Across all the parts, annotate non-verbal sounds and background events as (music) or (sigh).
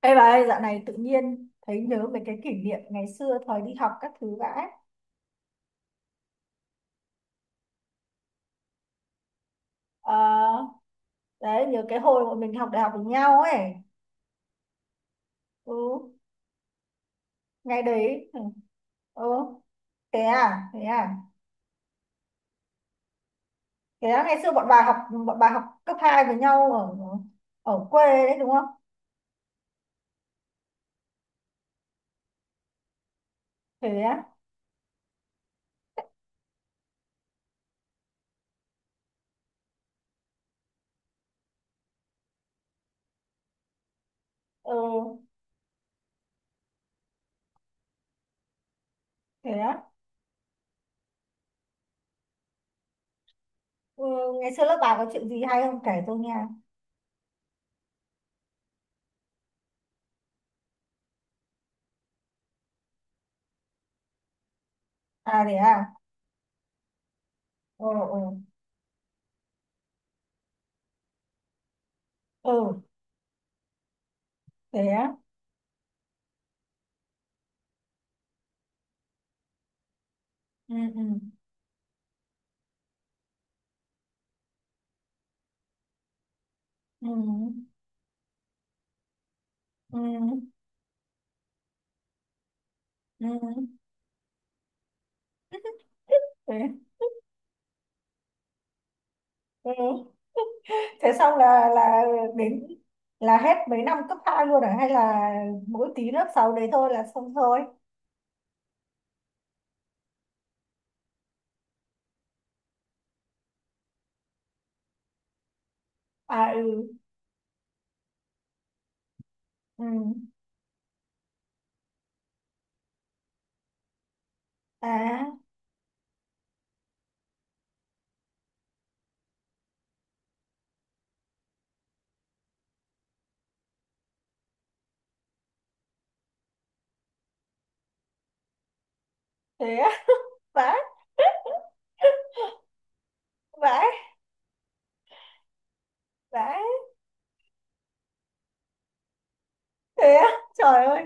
Ê bà ơi, dạo này tự nhiên thấy nhớ về cái kỷ niệm ngày xưa thời đi học các thứ vãi. Ờ, đấy, nhớ cái hồi bọn mình học đại học với nhau ấy. Ừ, ngày đấy. Ừ, thế à, thế à. Thế à, ngày xưa bọn bà học cấp 2 với nhau ở ở quê đấy đúng không? Thế á. Ừ, thế á. Ừ, ngày xưa lớp bà có chuyện gì hay không kể tôi nghe. À thế à. Ừ, ừ. Ừ, thế á. Ừ, ừ. Ừ, ừ. Ừ, ừ, thế. Ừ. Thế xong là đến là hết mấy năm cấp 2 luôn à hay là mỗi tí lớp 6 đấy thôi là xong thôi. À ừ ừ à thế á. Vãi. Vãi. Vãi. Thế á. Trời ơi,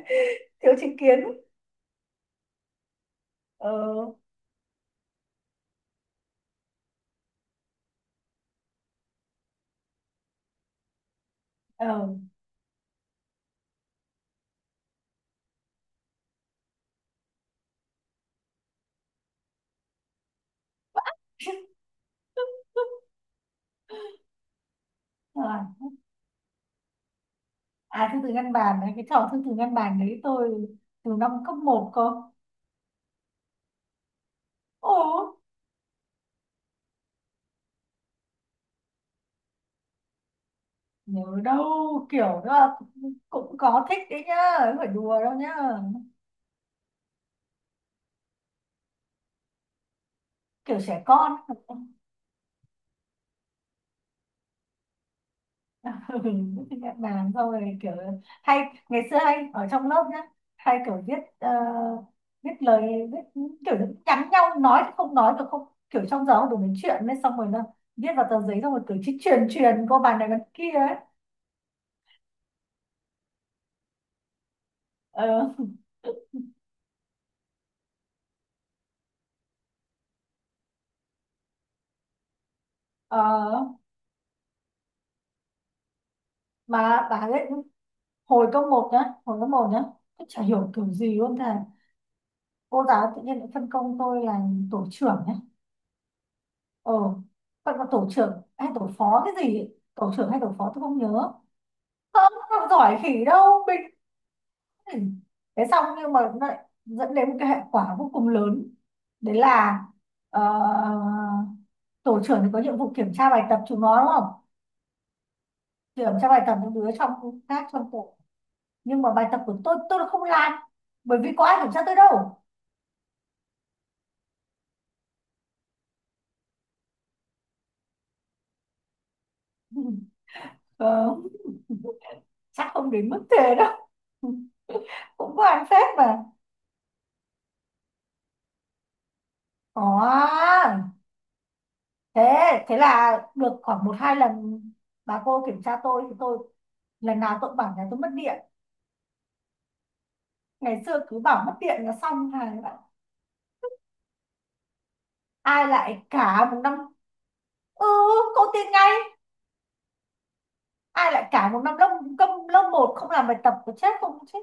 thiếu chính kiến. Ờ, ờ. À, à thư từ ngăn bàn đấy, cái trò thư từ ngăn bàn đấy tôi từ năm cấp một cơ. Ồ. Nhớ đâu kiểu đó là cũng cũng có thích đấy nhá, không phải đùa đâu nhá. Kiểu trẻ con. Ừ, nhận bàn xong rồi kiểu hay ngày xưa hay ở trong lớp nhá, hay kiểu viết viết lời viết kiểu nhắn nhau, nói thì không nói được không, kiểu trong giờ không đủ nói chuyện nên xong rồi nó viết vào tờ giấy xong rồi cứ chỉ truyền truyền cô bàn này bàn kia ấy. Ờ, (laughs) ờ, mà bà ấy hồi cấp một nhá, hồi cấp một nhá tôi chả hiểu kiểu gì luôn. Thầy cô giáo tự nhiên lại phân công tôi là tổ trưởng nhá, ờ phân công tổ trưởng hay tổ phó cái gì ấy. Tổ trưởng hay tổ phó tôi không nhớ. Không không giỏi khỉ đâu mình. Ừ. Thế xong nhưng mà nó lại dẫn đến một cái hệ quả vô cùng lớn, đấy là ờ, tổ trưởng thì có nhiệm vụ kiểm tra bài tập chúng nó đúng không, kiểm tra bài tập những đứa trong khác trong tổ, nhưng mà bài tập của tôi là không làm, bởi vì có ai kiểm tra tôi đâu. (laughs) Ờ, (laughs) chắc không đến mức thế đâu. (laughs) Cũng có ăn phép mà. Có à. Thế thế là được khoảng một hai lần bà cô kiểm tra tôi thì tôi lần nào tôi cũng bảo nhà tôi mất điện. Ngày xưa cứ bảo mất điện là xong hà. Ai lại cả một năm. Ừ. Cô tin ngay. Ai lại cả một năm lông công lông một không làm bài tập, có chết không chết.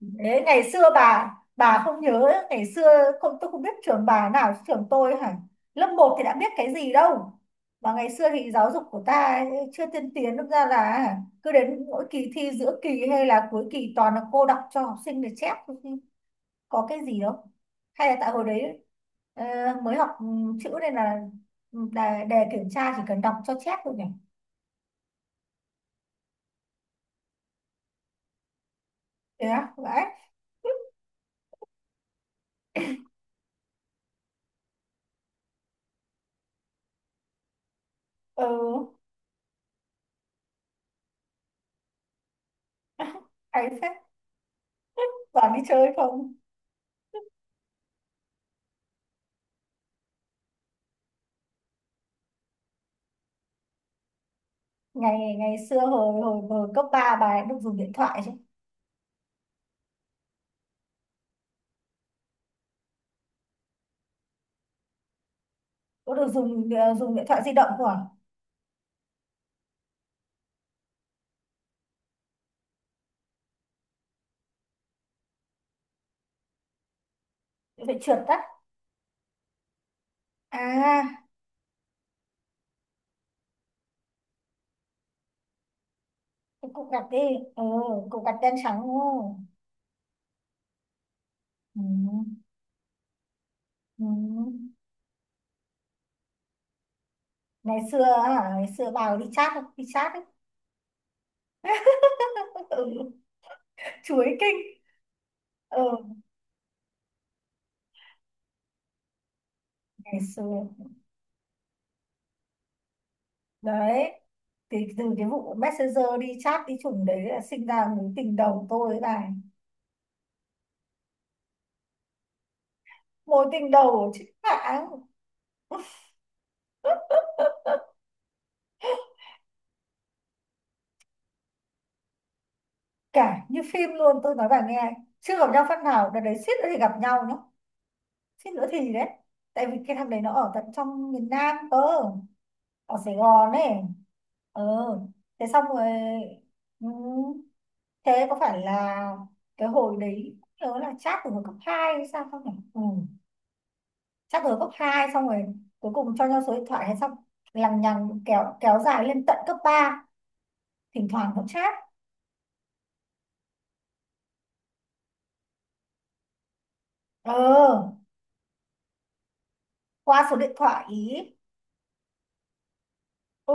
Đấy, ngày xưa bà không nhớ ngày xưa không, tôi không biết trường bà nào trường tôi hả. Lớp một thì đã biết cái gì đâu. Mà ngày xưa thì giáo dục của ta chưa tiên tiến, đâm ra là cứ đến mỗi kỳ thi giữa kỳ hay là cuối kỳ toàn là cô đọc cho học sinh để chép thôi chứ có cái gì đâu. Hay là tại hồi đấy ờ, mới học chữ nên là đề kiểm tra chỉ cần đọc cho chép thôi nhỉ. Thế á vậy. Ừ. (laughs) Ấy phép, toàn đi chơi không. Ngày ngày xưa hồi hồi hồi cấp 3 bà ấy được dùng điện thoại chứ. Có được dùng điện thoại di động của. Phải trượt tắt. À cái cục gạch đi. Ừ, cục gạch đen trắng đúng không. Ừ. Ừ. Ngày xưa hả, ngày xưa bà đi chat không? Đi chat ấy. (laughs) Ừ. Chuối kinh. Ừ. Ngày xưa đấy, thì từ cái vụ messenger đi chat đi chủng đấy là sinh ra mối tình đầu tôi với bà. Mối tình đầu ở trên mạng. Cả như phim luôn tôi nói bà nghe, chưa gặp nhau phát nào đợt đấy, suýt nữa thì gặp nhau nhá. Suýt nữa thì đấy. Tại vì cái thằng đấy nó ở tận trong miền Nam cơ, ở Sài Gòn ấy. Ờ. Thế xong rồi. Ừ, thế có phải là cái hồi đấy nhớ là chat từ hồi cấp 2 hay sao không nhỉ. Ừ. Chat từ hồi cấp 2 xong rồi cuối cùng cho nhau số điện thoại hay xong, lằng nhằng kéo kéo dài lên tận cấp ba, thỉnh thoảng vẫn chat. Ờ, qua số điện thoại ý. Ừ,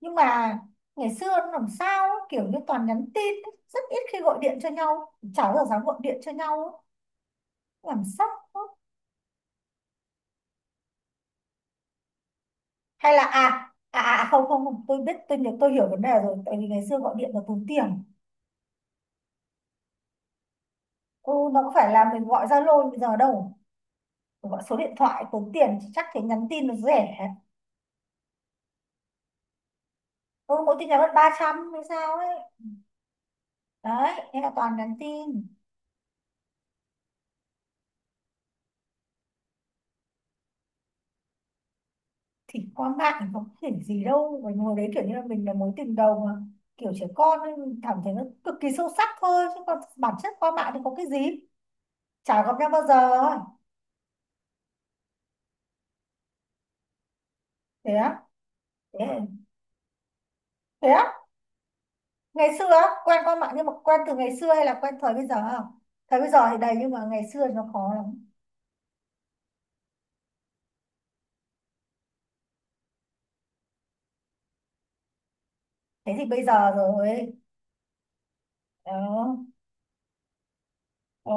nhưng mà ngày xưa nó làm sao ấy, kiểu như toàn nhắn tin ấy, rất ít khi gọi điện cho nhau, cháu giờ dám gọi điện cho nhau ấy, làm sao ấy. Hay là à à à à, không không không, tôi biết tôi nhớ tôi hiểu vấn đề rồi, tại vì ngày xưa gọi điện là tốn tiền. Ừ, nó có phải là mình gọi Zalo bây giờ đâu. Mình gọi số điện thoại tốn tiền, chắc thế nhắn tin nó rẻ. Ừ, mỗi tin nhắn mất 300 hay sao ấy. Đấy, thế là toàn nhắn tin. Thì qua mạng có thể gì đâu, mình ngồi đấy kiểu như là mình là mối tình đầu mà, kiểu trẻ con ấy, mình cảm thấy nó cực kỳ sâu sắc thôi chứ còn bản chất qua mạng thì có cái gì. Chả gặp nhau bao giờ. Thế á. Thế, thế á. Ngày xưa á, quen qua mạng nhưng mà quen từ ngày xưa hay là quen thời bây giờ không? Thời bây giờ thì đầy nhưng mà ngày xưa thì nó khó lắm. Thế thì bây giờ rồi. Đó. Ờ,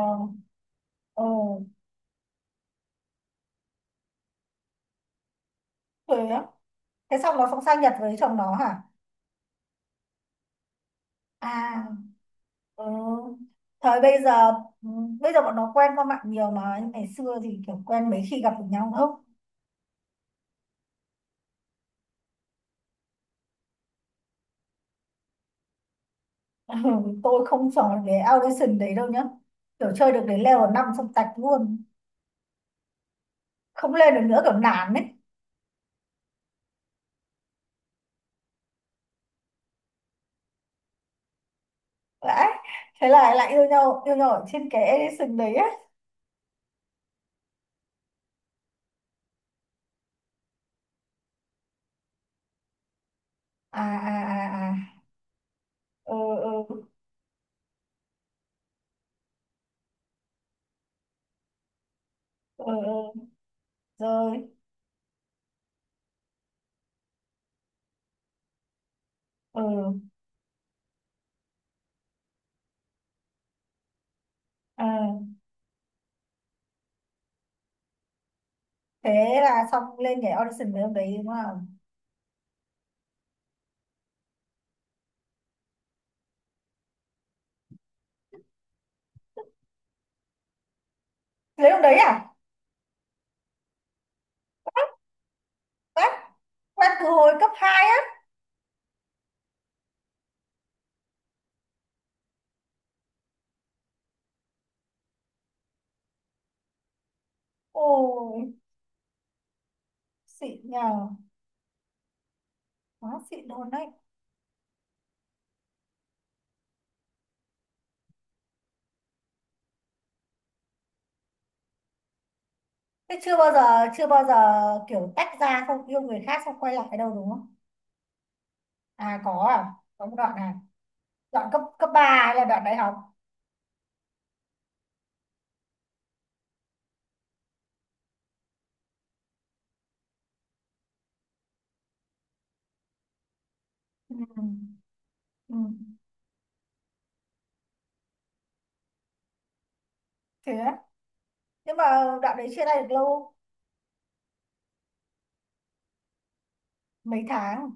ờ. Thế á. Thế xong nó xong sang Nhật với chồng nó hả. À. Ừ. Thời bây giờ. Ừ, bây giờ bọn nó quen qua mạng nhiều mà nhưng ngày xưa thì kiểu quen mấy khi gặp được nhau không. (laughs) Ừ, tôi không chọn cái audition đấy đâu nhá, kiểu chơi được đến level 5 xong tạch luôn, không lên được nữa kiểu nản ấy. Đấy, thế là lại yêu nhau, yêu nhau ở trên cái audition đấy á. À à à à ừ ừ ừ ừ. Rồi. Ừ. À. Thế là xong lên cái audition với ông đấy đúng không. Lấy ông đấy à. Quét quét từ hồi cấp hai á. Ôi xịn nhờ. Quá xịn luôn đấy. Thế chưa bao giờ, chưa bao giờ kiểu tách ra không yêu người khác xong quay lại đâu đúng không. À có à. Có một đoạn này. Đoạn cấp cấp ba hay là đoạn đại học. Ừ. Ừ. Thế á. Nhưng mà đoạn đấy chia tay được lâu không? Mấy tháng.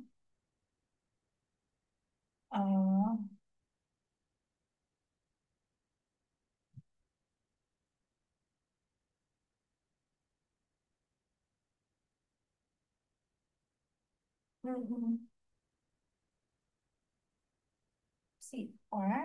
Ờ. Ừ. Ừ. Xịn quá